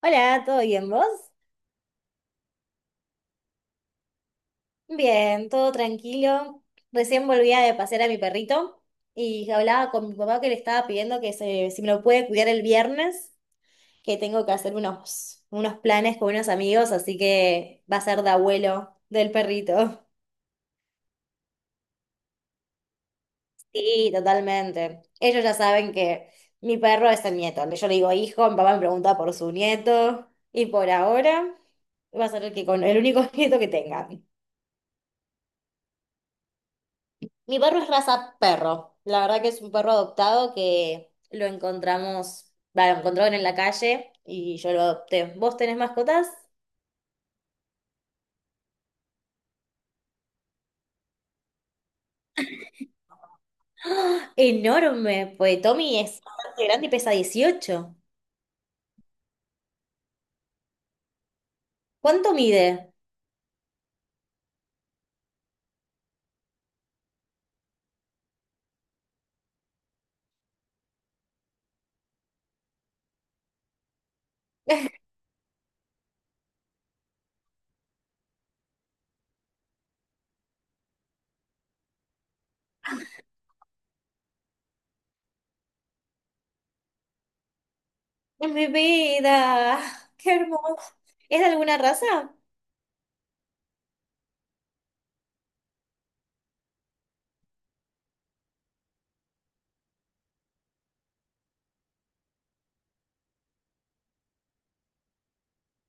Hola, ¿todo bien vos? Bien, todo tranquilo. Recién volvía de pasear a mi perrito y hablaba con mi papá que le estaba pidiendo que si me lo puede cuidar el viernes, que tengo que hacer unos planes con unos amigos, así que va a ser de abuelo del perrito. Sí, totalmente. Ellos ya saben que mi perro es el nieto. Yo le digo hijo, mi papá me pregunta por su nieto y por ahora va a ser el que con el único nieto que tenga. Mi perro es raza perro. La verdad que es un perro adoptado que lo encontramos, va, lo encontraron en la calle y yo lo adopté. ¿Vos tenés mascotas? ¡Ah! ¡Enorme! Pues Tommy es bastante grande y pesa 18. ¿Cuánto mide? ¡Es mi vida! ¡Qué hermoso! ¿Es de alguna raza?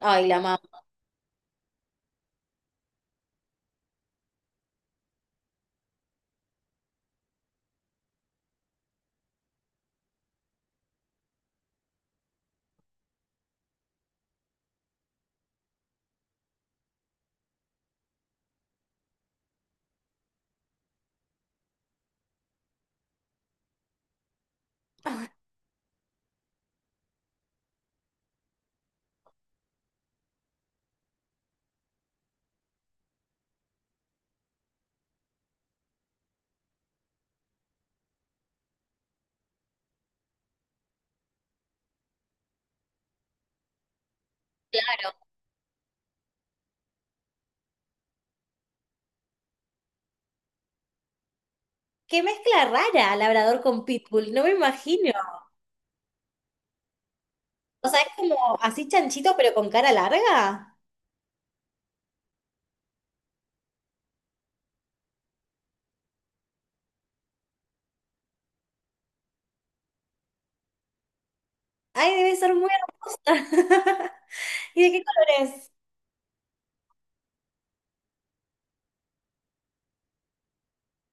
Ay, la mamá. ¡Qué mezcla rara, labrador con pitbull! No me imagino. O sea, es como así chanchito pero con cara larga. Ay, debe ser muy hermosa. ¿Y de qué colores?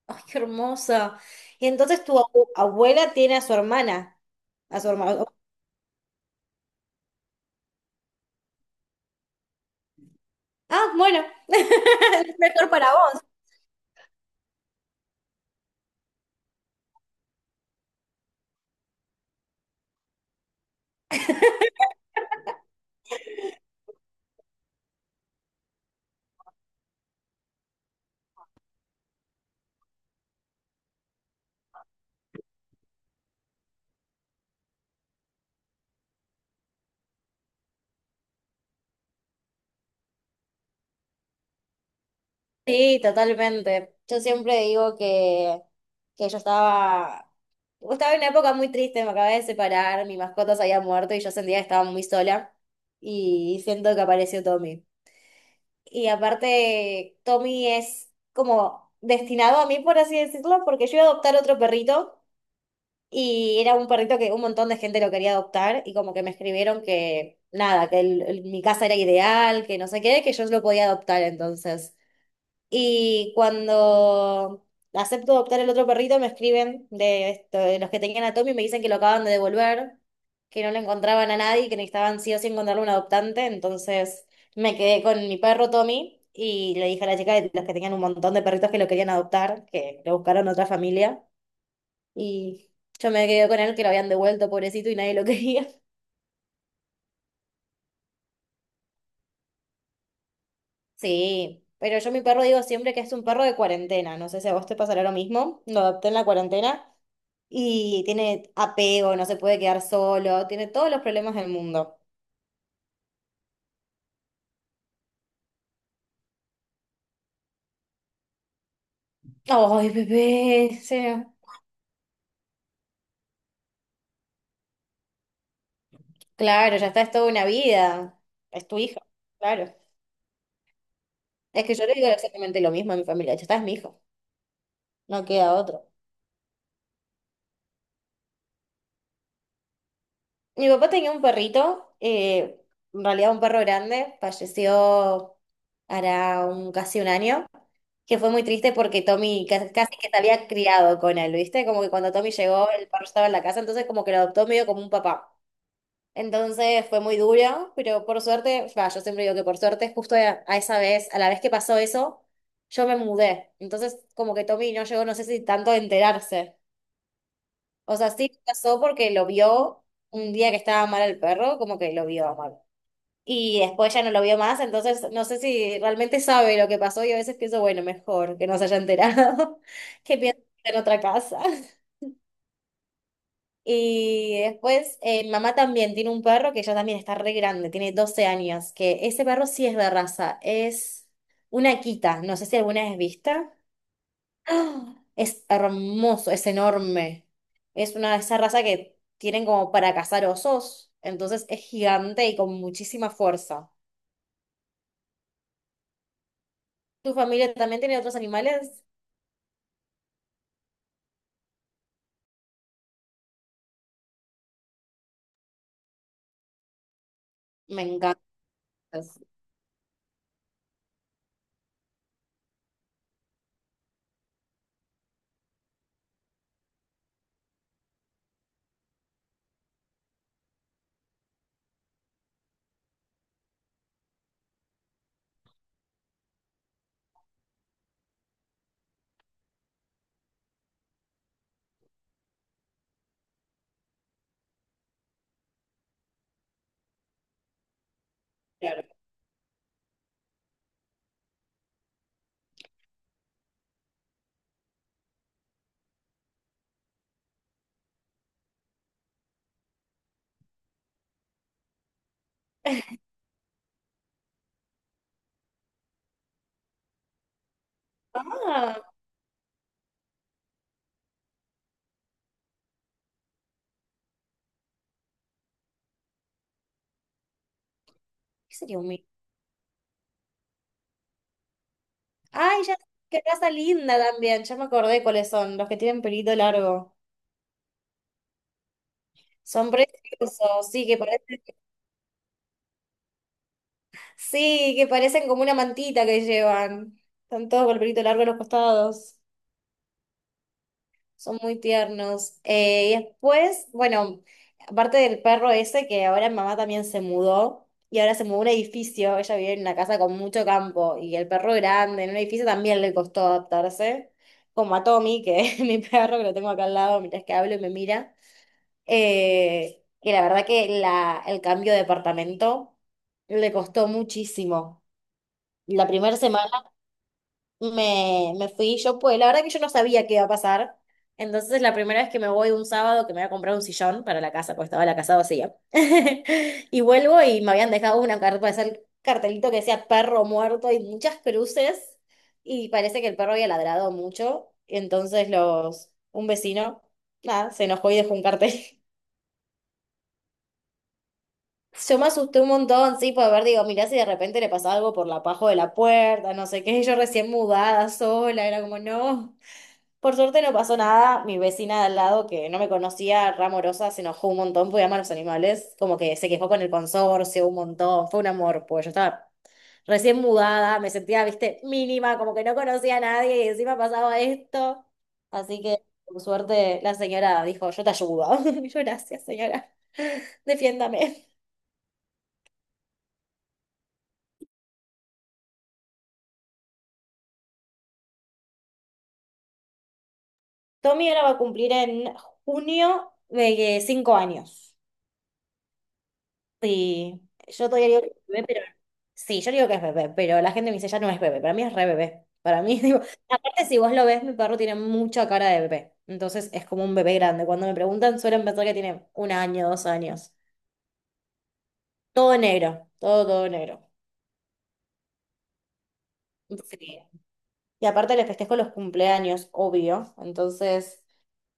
¡Ay, qué hermoso! Y entonces tu abuela tiene a su hermana, a su hermano. Ah, bueno, es mejor para vos. Sí, totalmente. Yo siempre digo que yo estaba en una época muy triste, me acabé de separar, mi mascota se había muerto y yo sentía que estaba muy sola y siento que apareció Tommy. Y aparte, Tommy es como destinado a mí, por así decirlo, porque yo iba a adoptar otro perrito. Y era un perrito que un montón de gente lo quería adoptar y como que me escribieron que nada, que mi casa era ideal, que no sé qué, que yo lo podía adoptar entonces. Y cuando acepto adoptar el otro perrito, me escriben de los que tenían a Tommy y me dicen que lo acaban de devolver, que no le encontraban a nadie, que necesitaban sí o sí encontrarle un adoptante. Entonces me quedé con mi perro Tommy y le dije a la chica de los que tenían un montón de perritos que lo querían adoptar, que lo buscaron otra familia. Y yo me quedé con él que lo habían devuelto, pobrecito, y nadie lo quería. Sí, pero yo mi perro digo siempre que es un perro de cuarentena. No sé si a vos te pasará lo mismo. Lo adopté en la cuarentena y tiene apego, no se puede quedar solo, tiene todos los problemas del mundo. Ay, bebé, o sea, claro, ya está, es toda una vida. Es tu hijo, claro. Es que yo le digo exactamente lo mismo a mi familia. Ya está, es mi hijo, no queda otro. Mi papá tenía un perrito, en realidad un perro grande, falleció hará casi un año, que fue muy triste porque Tommy casi que se había criado con él, ¿viste? Como que cuando Tommy llegó, el perro estaba en la casa, entonces como que lo adoptó medio como un papá. Entonces fue muy duro, pero por suerte, va, yo siempre digo que por suerte, justo a la vez que pasó eso, yo me mudé. Entonces como que Tommy no llegó, no sé si tanto a enterarse. O sea, sí pasó porque lo vio un día que estaba mal el perro, como que lo vio mal. Y después ya no lo vio más, entonces no sé si realmente sabe lo que pasó y a veces pienso, bueno, mejor que no se haya enterado, que piense en otra casa. Y después, mamá también tiene un perro que ya también está re grande, tiene 12 años, que ese perro sí es de raza, es una quita, no sé si alguna vez vista. ¡Ah! Es hermoso, es enorme. Es una de esas razas que tienen como para cazar osos, entonces es gigante y con muchísima fuerza. ¿Tu familia también tiene otros animales? Me encanta. Claro. Ah, ¿qué sería un mi- Ay, ya, qué raza linda también. Ya me acordé cuáles son, los que tienen pelito largo. Son preciosos, sí, que parecen como una mantita que llevan. Están todos con el pelito largo en los costados. Son muy tiernos. Y después, bueno, aparte del perro ese, que ahora mamá también se mudó, y ahora se mudó a un edificio, ella vive en una casa con mucho campo, y el perro grande en un edificio también le costó adaptarse, como a Tommy, que es mi perro, que lo tengo acá al lado mientras que hablo y me mira. Y la verdad que el cambio de departamento le costó muchísimo. La primera semana me fui yo, pues la verdad que yo no sabía qué iba a pasar. Entonces, la primera vez que me voy un sábado, que me voy a comprar un sillón para la casa, porque estaba la casa vacía. Y vuelvo y me habían dejado una carta, pues, el cartelito que decía perro muerto y muchas cruces. Y parece que el perro había ladrado mucho. Entonces, un vecino, nada, se enojó y dejó un cartel. Yo me asusté un montón, sí, por ver, digo, mirá si de repente le pasa algo por la paja de la puerta, no sé qué, yo recién mudada sola, era como, no. Por suerte no pasó nada. Mi vecina de al lado, que no me conocía, Ramorosa, se enojó un montón porque ama a los animales. Como que se quejó con el consorcio un montón. Fue un amor, pues yo estaba recién mudada, me sentía, viste, mínima, como que no conocía a nadie y encima pasaba esto. Así que, por suerte, la señora dijo, yo te ayudo. Y yo, gracias, señora. Defiéndame. Tommy ahora va a cumplir en junio de 5 años. Sí, yo todavía digo que es bebé, pero sí, yo digo que es bebé, pero la gente me dice ya no es bebé, para mí es re bebé. Para mí, digo, aparte si vos lo ves, mi perro tiene mucha cara de bebé, entonces es como un bebé grande. Cuando me preguntan suelen pensar que tiene un año, 2 años. Todo negro, todo, todo negro. Sí. Y aparte le festejo los cumpleaños, obvio. Entonces,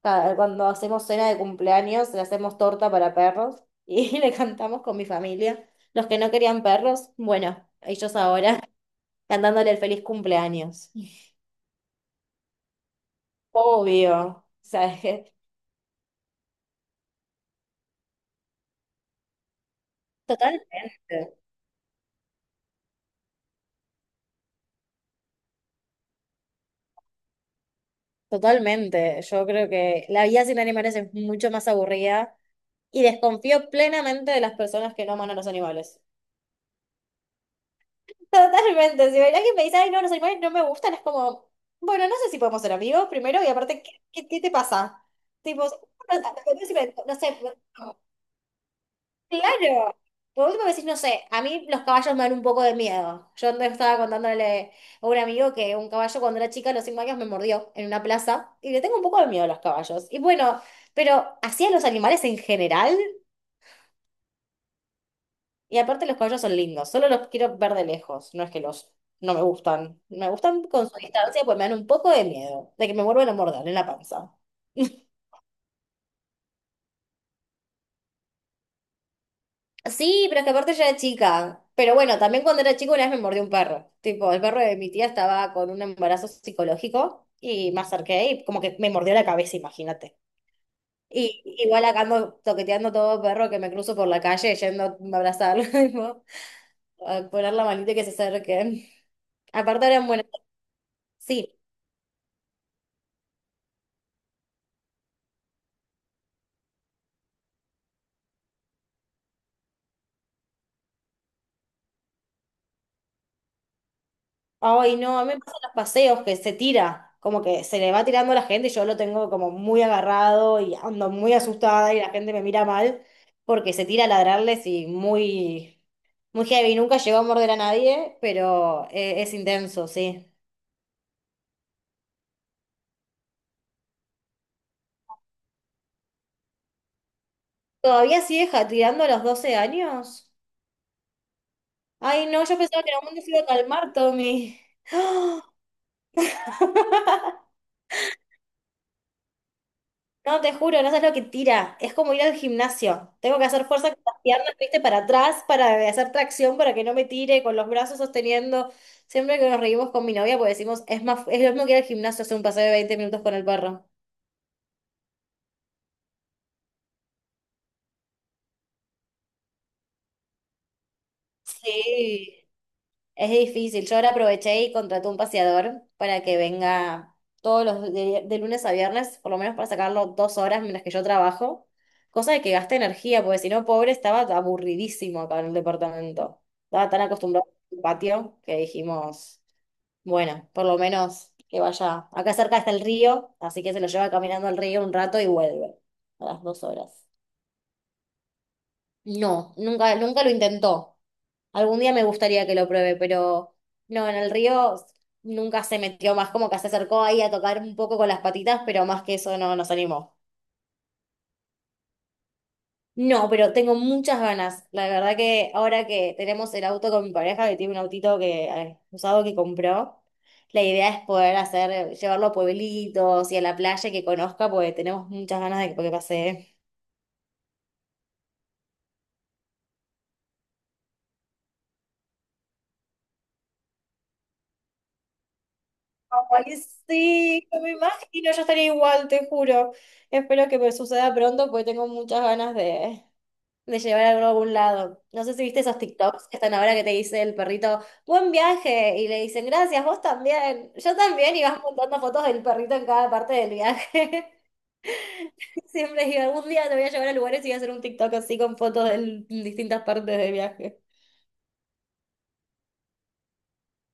cuando hacemos cena de cumpleaños, le hacemos torta para perros y le cantamos con mi familia. Los que no querían perros, bueno, ellos ahora, cantándole el feliz cumpleaños. Obvio. O sea, es que. Totalmente. Totalmente. Yo creo que la vida sin animales es mucho más aburrida y desconfío plenamente de las personas que no aman a los animales. Totalmente. Si ven alguien me dice, ay, no, los animales no me gustan, es como, bueno, no sé si podemos ser amigos primero y aparte, ¿ qué te pasa? Tipo, no sé. Claro. Por último decís, no sé, a mí los caballos me dan un poco de miedo. Yo no estaba contándole a un amigo que un caballo cuando era chica a los 5 años me mordió en una plaza y le tengo un poco de miedo a los caballos. Y bueno, pero así a los animales en general, y aparte los caballos son lindos, solo los quiero ver de lejos, no es que los no me gustan. Me gustan con su distancia, pues me dan un poco de miedo de que me vuelvan a morder en la panza. Sí, pero es que aparte ya era chica. Pero bueno, también cuando era chico una vez me mordió un perro. Tipo, el perro de mi tía estaba con un embarazo psicológico y me acerqué y como que me mordió la cabeza, imagínate. Y igual acá ando toqueteando todo perro que me cruzo por la calle yendo a abrazarlo, tipo, a poner la manita y que se acerque. Aparte eran buenas. Sí. Ay, no, a mí me pasan los paseos que se tira, como que se le va tirando a la gente y yo lo tengo como muy agarrado y ando muy asustada y la gente me mira mal porque se tira a ladrarles y muy, muy heavy. Nunca llegó a morder a nadie, pero es intenso, sí. ¿Todavía sigue tirando a los 12 años? Ay, no, yo pensaba que en algún momento se iba a calmar, Tommy. No, te juro, no sabes lo que tira. Es como ir al gimnasio. Tengo que hacer fuerza con las piernas, viste, para atrás, para hacer tracción, para que no me tire, con los brazos sosteniendo. Siempre que nos reímos con mi novia, pues decimos, es más, es lo mismo que ir al gimnasio, hacer un paseo de 20 minutos con el perro. Sí. Es difícil. Yo ahora aproveché y contraté un paseador para que venga todos los de lunes a viernes, por lo menos para sacarlo 2 horas mientras que yo trabajo, cosa de que gaste energía, porque si no, pobre, estaba aburridísimo acá en el departamento. Estaba tan acostumbrado al patio que dijimos, bueno, por lo menos que vaya. Acá cerca está el río, así que se lo lleva caminando al río un rato y vuelve a las 2 horas. No, nunca, nunca lo intentó. Algún día me gustaría que lo pruebe, pero no, en el río nunca se metió más, como que se acercó ahí a tocar un poco con las patitas, pero más que eso no nos animó. No, pero tengo muchas ganas. La verdad que ahora que tenemos el auto con mi pareja, que tiene un autito que usado que compró, la idea es poder hacer, llevarlo a pueblitos y a la playa que conozca, porque tenemos muchas ganas de que pase. Ay, sí, no me imagino, yo estaría igual, te juro. Espero que me suceda pronto porque tengo muchas ganas de llevar algo a algún lado. No sé si viste esos TikToks que están ahora que te dice el perrito, buen viaje, y le dicen, gracias, vos también, yo también, y vas montando fotos del perrito en cada parte del viaje. Siempre digo, algún día te voy a llevar a lugares y voy a hacer un TikTok así con fotos de distintas partes del viaje.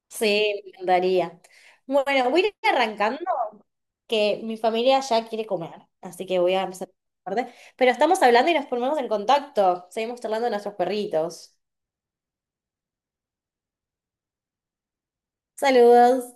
Sí, me encantaría. Bueno, voy a ir arrancando, que mi familia ya quiere comer, así que voy a empezar a tarde. Pero estamos hablando y nos ponemos en contacto. Seguimos charlando de nuestros perritos. Saludos.